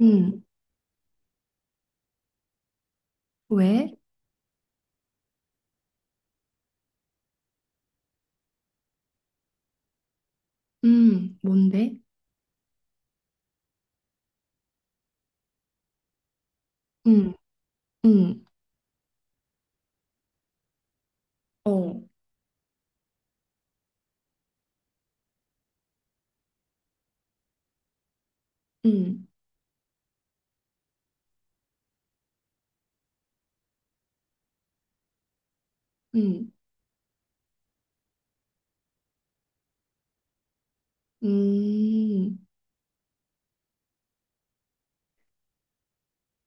응, 왜? 응, 뭔데? 응, 응, 어, 응, 응, 음.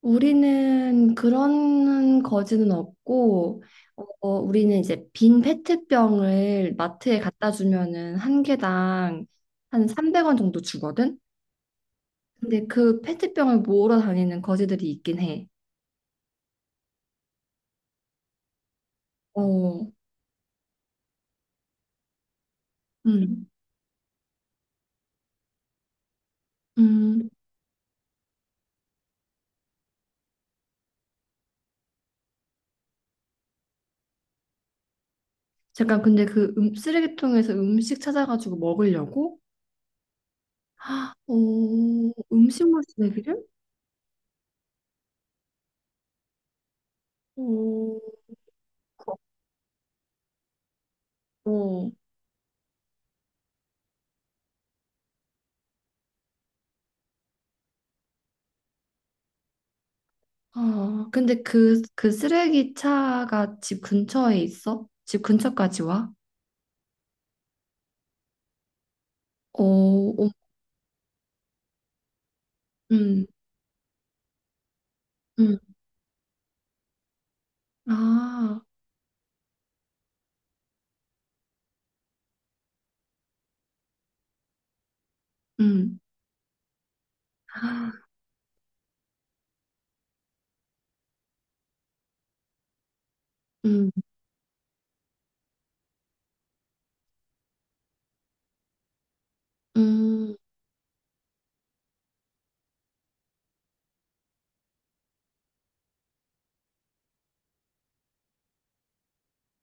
우리는 그런 거지는 없고, 어, 우리는 이제 빈 페트병을 마트에 갖다 주면은 한 개당 한 300원 정도 주거든? 근데 그 페트병을 모으러 다니는 거지들이 있긴 해. 어, 음, 음. 잠깐, 근데 그 쓰레기통에서 음식 찾아가지고 먹으려고? 오, 음식물 쓰레기를? 오, 오. 아, 근데 그 쓰레기 차가 집 근처에 있어? 집 근처까지 와? 오, 오, 음, 음, 아, 음, 아, 음, 음,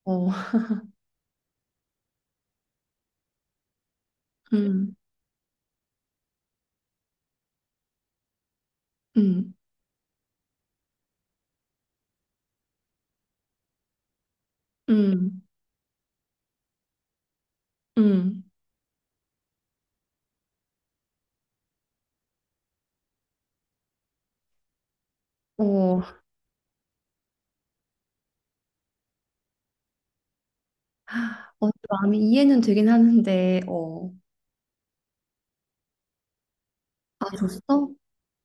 어, 음, 음, 음, 음, 어, 어, 마음이 이해는 되긴 하는데, 어, 아, 줬어?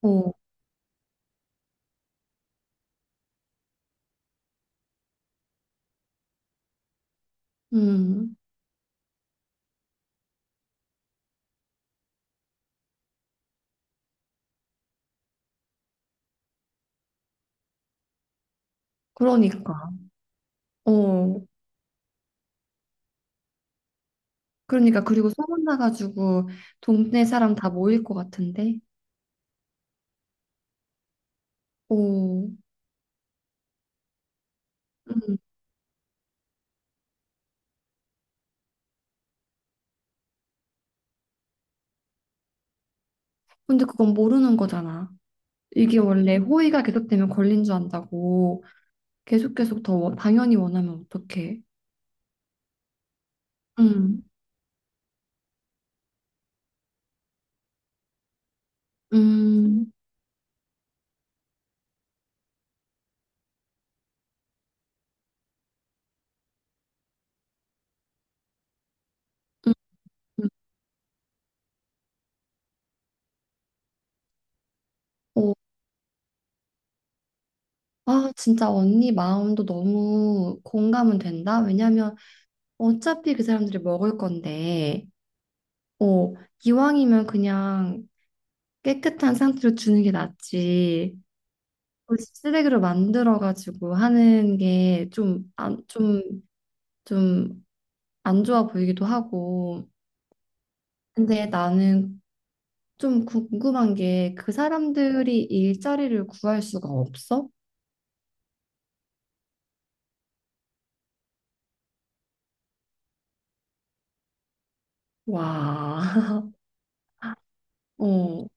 어, 음, 그러니까, 어. 그러니까 그리고 소문 나가지고 동네 사람 다 모일 것 같은데. 오, 음. 근데 그건 모르는 거잖아. 이게 원래 호의가 계속되면 걸린 줄 안다고 계속 계속 당연히 원하면 어떡해? 음, 음, 음. 음. 어, 아, 진짜 언니 마음도 너무 공감은 된다. 왜냐면 어차피 그 사람들이 먹을 건데, 어, 이왕이면 그냥 깨끗한 상태로 주는 게 낫지. 그 쓰레기로 만들어가지고 하는 게 좀, 좀 안 좋아 보이기도 하고. 근데 나는 좀 궁금한 게 그 사람들이 일자리를 구할 수가 없어? 와, 어,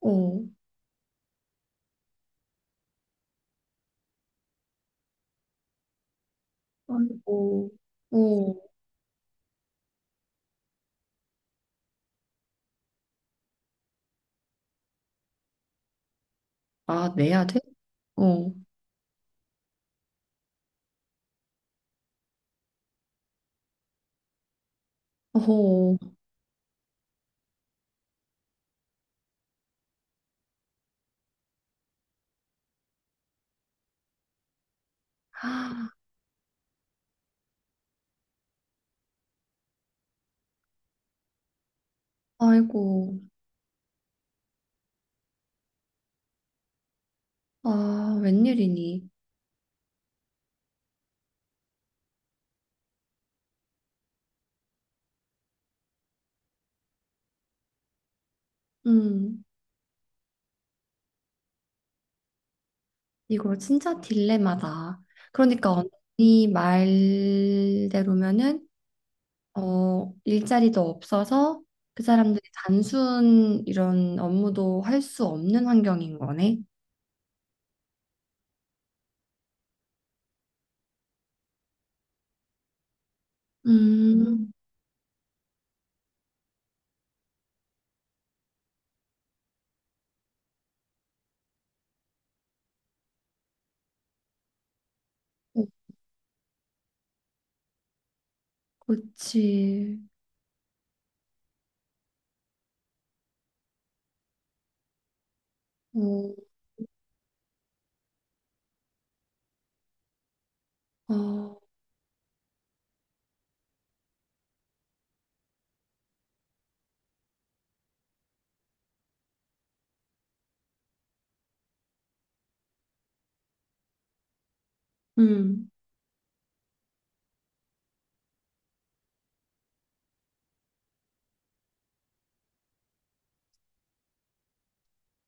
어, 아이고, 어, 아, 내야 돼? 어, 어, 아이고, 아, 웬일이니? 음, 이거 진짜 딜레마다. 그러니까 언니 말대로면은 어, 일자리도 없어서 그 사람들이 단순 이런 업무도 할 수 없는 환경인 거네. 음, 어, 그치. 어, 어, 음,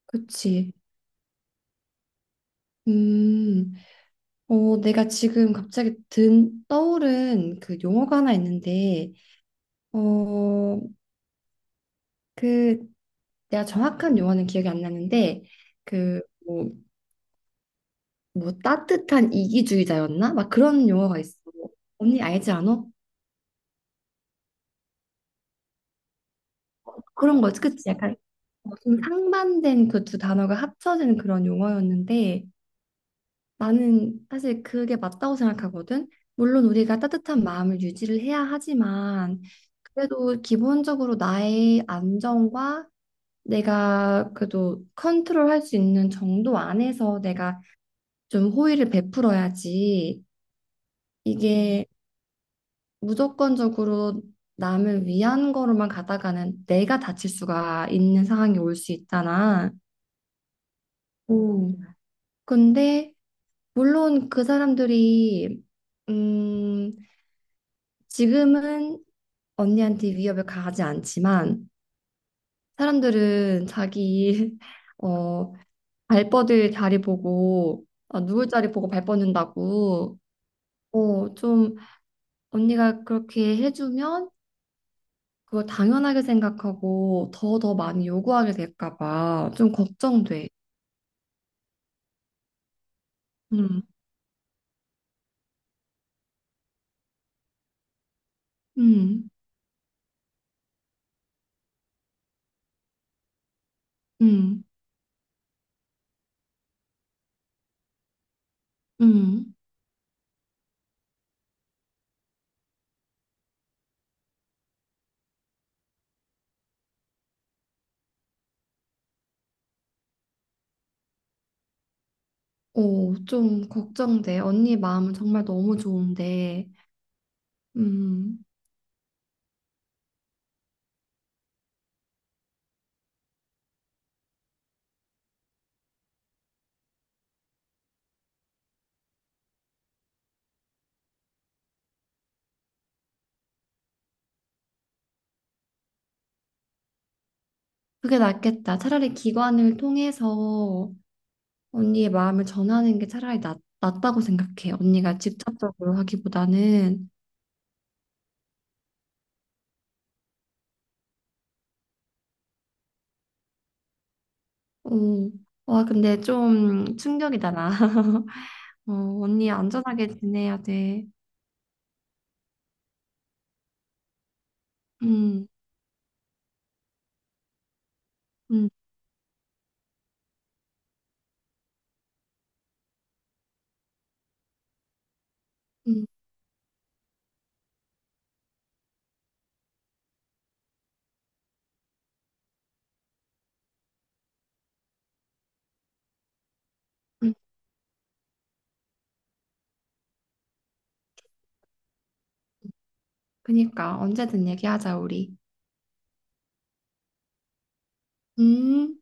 그치. 음, 어, 내가 지금 갑자기 떠오른 그 용어가 하나 있는데, 어, 그, 내가 정확한 용어는 기억이 안 나는데, 그, 뭐, 따뜻한 이기주의자였나? 막 그런 용어가 있어. 언니 알지 않아? 그런 거지. 그치. 약간 좀 상반된 그 두 단어가 합쳐진 그런 용어였는데 나는 사실 그게 맞다고 생각하거든. 물론 우리가 따뜻한 마음을 유지를 해야 하지만 그래도 기본적으로 나의 안정과 내가 그래도 컨트롤할 수 있는 정도 안에서 내가 좀 호의를 베풀어야지 이게 무조건적으로 남을 위한 거로만 가다가는 내가 다칠 수가 있는 상황이 올 수 있잖아. 오. 근데 물론 그 사람들이 음 지금은 언니한테 위협을 가하지 않지만 사람들은 자기 어 발뻗을 자리 보고 아, 누울 자리 보고 발 뻗는다고 어 좀 언니가 그렇게 해주면 그걸 당연하게 생각하고 더 많이 요구하게 될까 봐 좀 걱정돼. 음. 음. 음. 음. 오, 좀 걱정돼. 언니 마음은 정말 너무 좋은데, 음, 그게 낫겠다. 차라리 기관을 통해서 언니의 마음을 전하는 게 차라리 낫다고 생각해. 언니가 직접적으로 하기보다는. 오, 와, 근데 좀 충격이다, 나. 어, 언니 안전하게 지내야 돼. 음, 음, 음, 음. 그니까, 언제든 얘기하자, 우리. 음.